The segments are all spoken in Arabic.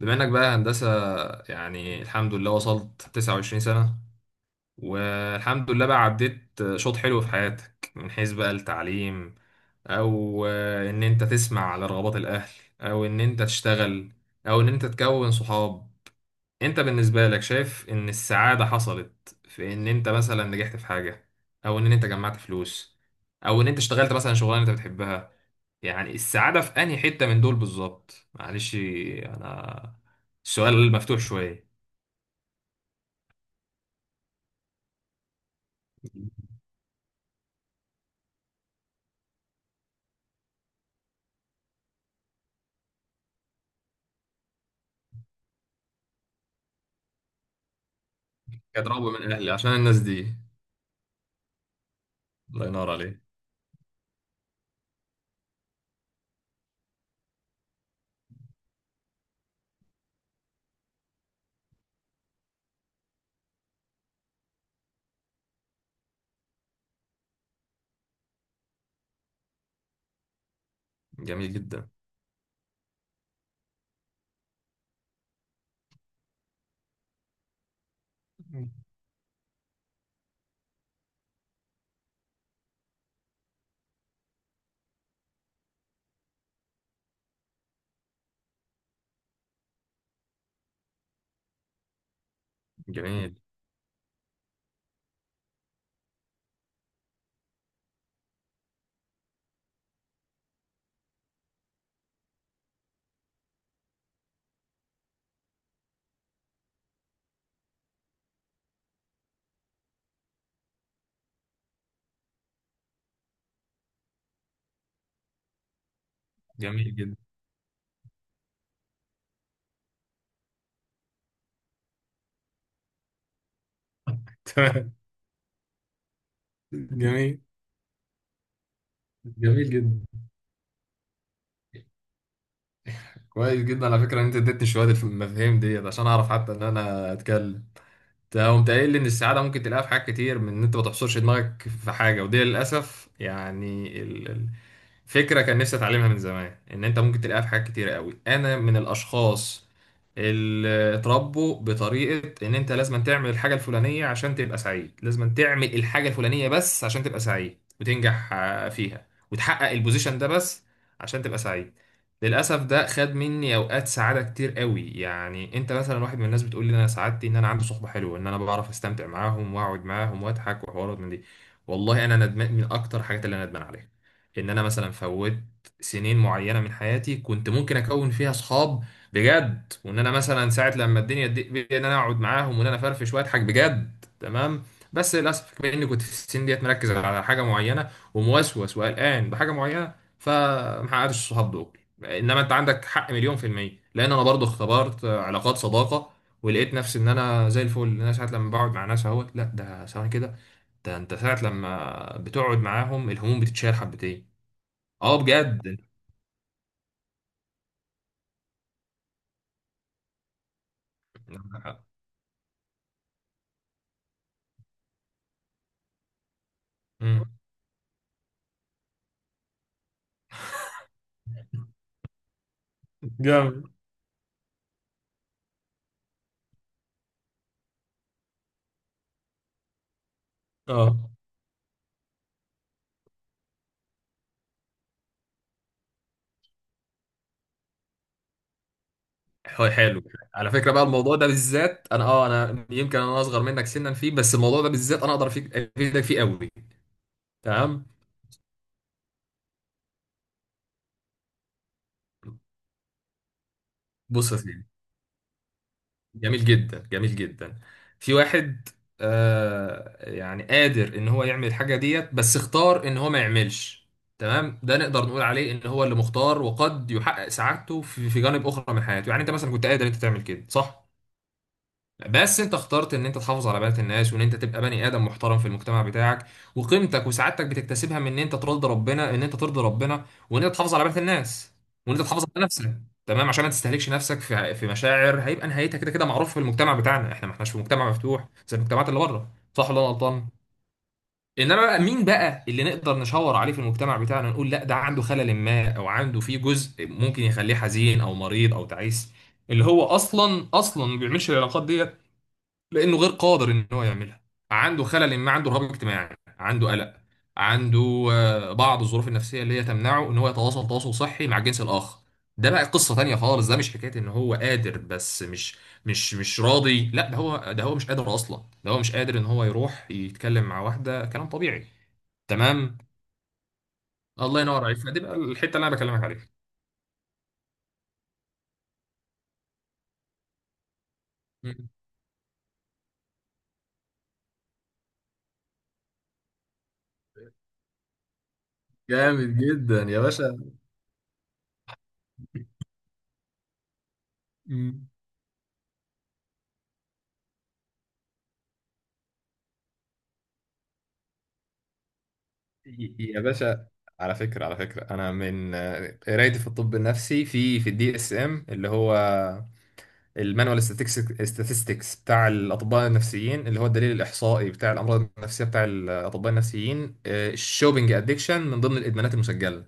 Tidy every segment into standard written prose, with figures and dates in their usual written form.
بما انك بقى هندسة يعني الحمد لله وصلت 29 سنة والحمد لله بقى عديت شوط حلو في حياتك من حيث بقى التعليم، او ان انت تسمع على رغبات الاهل، او ان انت تشتغل، او ان انت تكون صحاب. انت بالنسبة لك شايف ان السعادة حصلت في ان انت مثلا نجحت في حاجة، او ان انت جمعت فلوس، او ان انت اشتغلت مثلا شغلانة انت بتحبها؟ يعني السعادة في أنهي حتة من دول بالظبط؟ معلش أنا السؤال مفتوح شوية. كتربوا من أهلي عشان الناس دي. الله ينور عليك. جميل جدا. جميل، جميل جدا. تمام. جميل. جميل جدا. كويس جدا. على فكرة إن أنت اديتني شوية المفاهيم ديت عشان أعرف حتى إن أنا أتكلم. ده قمت قايل لي ان السعاده ممكن تلاقيها في حاجات كتير، من ان انت ما تحصرش دماغك في حاجه، ودي للاسف يعني فكره كان نفسي اتعلمها من زمان، ان انت ممكن تلاقيها في حاجات كتير قوي. انا من الاشخاص اللي اتربوا بطريقه ان انت لازم تعمل الحاجه الفلانيه عشان تبقى سعيد، لازم تعمل الحاجه الفلانيه بس عشان تبقى سعيد وتنجح فيها وتحقق البوزيشن ده بس عشان تبقى سعيد. للأسف ده خد مني أوقات سعادة كتير قوي. يعني أنت مثلا واحد من الناس بتقول لي إن أنا سعادتي إن أنا عندي صحبة حلوة، إن أنا بعرف أستمتع معاهم وأقعد معاهم وأضحك وحوارات من دي. والله أنا ندمان من أكتر الحاجات اللي أنا ندمان عليها إن أنا مثلا فوت سنين معينة من حياتي كنت ممكن أكون فيها صحاب بجد، وإن أنا مثلا ساعة لما الدنيا تضيق بي إن أنا أقعد معاهم وإن أنا أفرفش وأضحك بجد. تمام. بس للأسف بما إني كنت في السن ديت مركز على حاجة معينة وموسوس وقلقان بحاجة معينة فمحققتش الصحاب دول. انما انت عندك حق مليون في المية، لان انا برضو اختبرت علاقات صداقة ولقيت نفسي ان انا زي الفل، إن انا ساعة لما بقعد مع ناس اهوت لا ده ثواني كده. ده انت ساعة لما بتقعد معاهم الهموم بتتشال حبتين. اه بجد. أمم. جامد. اه. حلو حلو. على فكرة بقى الموضوع ده بالذات انا اه انا يمكن انا اصغر منك سنا فيه، بس الموضوع ده بالذات انا اقدر افيدك فيه قوي. تمام. بص يا سيدي. جميل جدا، جميل جدا. في واحد آه يعني قادر ان هو يعمل الحاجه ديت بس اختار ان هو ما يعملش. تمام. ده نقدر نقول عليه ان هو اللي مختار وقد يحقق سعادته في جانب اخرى من حياته. يعني انت مثلا كنت قادر انت تعمل كده، صح؟ بس انت اخترت ان انت تحافظ على بنات الناس، وان انت تبقى بني ادم محترم في المجتمع بتاعك. وقيمتك وسعادتك بتكتسبها من ان انت ترضي ربنا، ان انت ترضي ربنا وان انت تحافظ على بنات الناس وان انت تحافظ على نفسك. تمام عشان ما تستهلكش نفسك في مشاعر هيبقى نهايتها كده، كده معروف في المجتمع بتاعنا، احنا ما احناش في مجتمع مفتوح زي المجتمعات اللي بره. صح ولا انا غلطان؟ انما بقى مين بقى اللي نقدر نشاور عليه في المجتمع بتاعنا نقول لا ده عنده خلل ما او عنده فيه جزء ممكن يخليه حزين او مريض او تعيس؟ اللي هو اصلا ما بيعملش العلاقات دي لانه غير قادر ان هو يعملها. عنده خلل ما، عنده رهاب اجتماعي، عنده قلق، عنده بعض الظروف النفسيه اللي هي تمنعه ان هو يتواصل تواصل صحي مع الجنس الاخر. ده بقى قصه تانية خالص. ده مش حكايه ان هو قادر بس مش راضي، لا ده هو مش قادر اصلا. ده هو مش قادر ان هو يروح يتكلم مع واحده كلام طبيعي. تمام. الله ينور عليك. فدي بقى الحته اللي انا بكلمك عليها. مم. جامد جدا يا باشا. مم. يا باشا، على فكرة، على فكرة أنا من قرايتي في الطب النفسي، في في الدي اس ام اللي هو المانوال ستاتستكس بتاع الأطباء النفسيين، اللي هو الدليل الإحصائي بتاع الأمراض النفسية بتاع الأطباء النفسيين. الشوبينج أدكشن من ضمن الإدمانات المسجلة،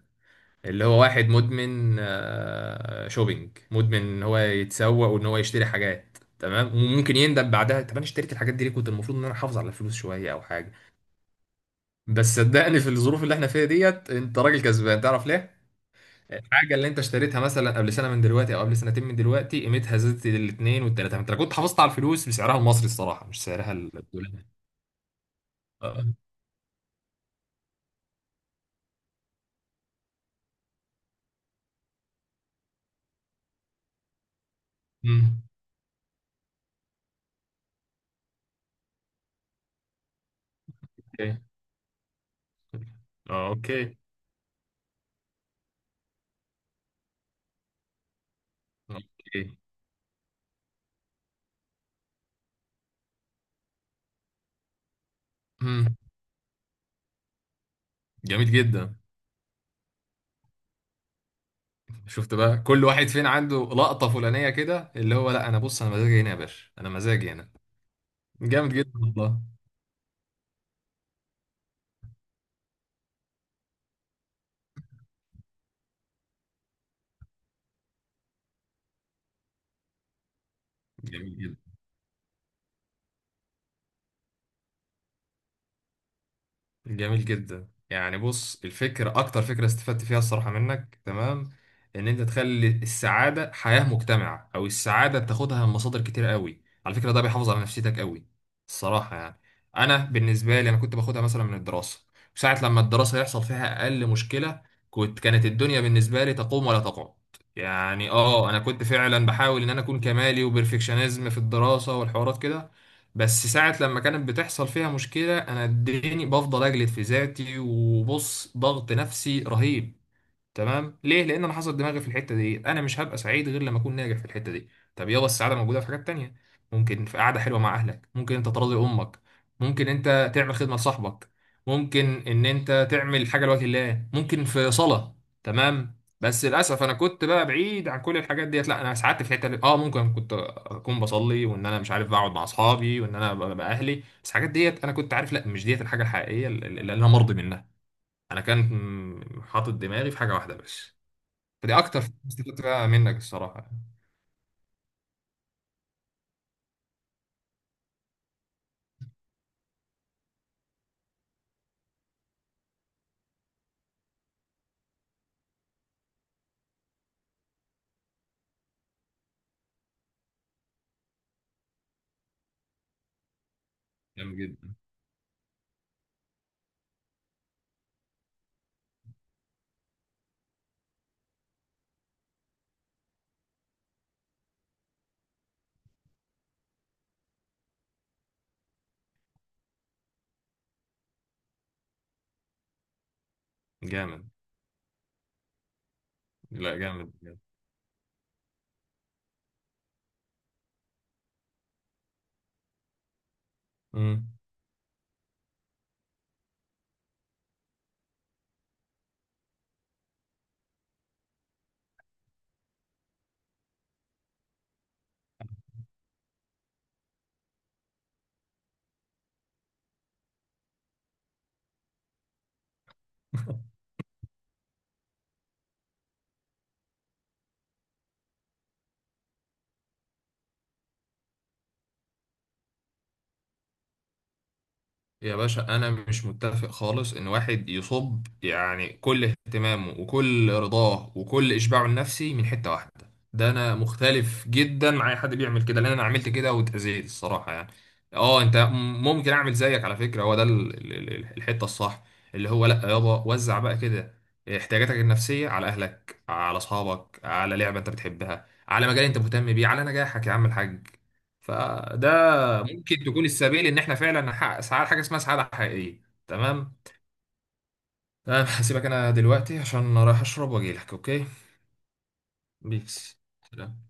اللي هو واحد مدمن شوبينج، مدمن إن هو يتسوق وإن هو يشتري حاجات. تمام. وممكن يندم بعدها، طب أنا اشتريت الحاجات دي ليه؟ كنت المفروض إن أنا أحافظ على الفلوس شوية أو حاجة. بس صدقني في الظروف اللي احنا فيها ديت انت راجل كسبان، تعرف ليه؟ الحاجة اللي انت اشتريتها مثلا قبل سنة من دلوقتي او قبل سنتين من دلوقتي قيمتها زادت الاتنين والتلاتة. انت لو كنت حافظت على الفلوس بسعرها المصري الصراحة مش سعرها الدولاري. اه. امم. اوكي. اه، اوكي. اوكي. امم. جميل جدا. شفت بقى كل واحد فين عنده لقطة فلانية كده؟ اللي هو لا انا بص انا مزاجي هنا يا باشا، انا مزاجي هنا. جامد جدا والله. جميل جدا، جميل جدا. يعني بص الفكرة أكتر فكرة استفدت فيها الصراحة منك، تمام، إن أنت تخلي السعادة حياة مجتمعة، أو السعادة بتاخدها من مصادر كتير قوي. على فكرة ده بيحافظ على نفسيتك قوي الصراحة يعني. أنا بالنسبة لي أنا كنت باخدها مثلا من الدراسة، ساعة لما الدراسة يحصل فيها أقل مشكلة كانت الدنيا بالنسبة لي تقوم ولا تقعد. يعني آه أنا كنت فعلا بحاول إن أنا أكون كمالي وبرفكشنزم في الدراسة والحوارات كده. بس ساعة لما كانت بتحصل فيها مشكلة أنا اديني بفضل أجلد في ذاتي، وبص ضغط نفسي رهيب. تمام. ليه؟ لان انا حاطط دماغي في الحته دي، انا مش هبقى سعيد غير لما اكون ناجح في الحته دي. طب يلا السعاده موجوده في حاجات تانية، ممكن في قعده حلوه مع اهلك، ممكن انت تراضي امك، ممكن انت تعمل خدمه لصاحبك، ممكن ان انت تعمل حاجه لوجه الله، ممكن في صلاه. تمام. بس للاسف انا كنت بقى بعيد عن كل الحاجات ديت، لا انا سعدت في الحته دي. اه ممكن كنت اكون بصلي وان انا مش عارف بقعد مع اصحابي وان انا ببقى اهلي، بس الحاجات ديت انا كنت عارف لا مش ديت الحاجه الحقيقيه اللي انا مرضي منها. انا كان حاطط دماغي في حاجه واحده بس. فدي اكتر حاجة استفدت بقى منك الصراحه يعني. جامد جدا. جامد. لا، جامد جامد. مم. يا باشا انا مش متفق خالص ان واحد يصب يعني كل اهتمامه وكل رضاه وكل اشباعه النفسي من حتة واحدة. ده انا مختلف جدا مع اي حد بيعمل كده لان انا عملت كده واتأذيت الصراحة يعني. اه انت ممكن اعمل زيك. على فكرة هو ده الحتة الصح، اللي هو لا يابا وزع بقى كده احتياجاتك النفسية على اهلك، على اصحابك، على لعبة انت بتحبها، على مجال انت مهتم بيه، على نجاحك يا عم الحاج. فده ممكن تكون السبيل ان احنا فعلا نحقق سعاده، حاجه اسمها سعاده حقيقيه. تمام. تمام. هسيبك انا دلوقتي عشان رايح اشرب واجي لك، اوكي. بيكس. سلام.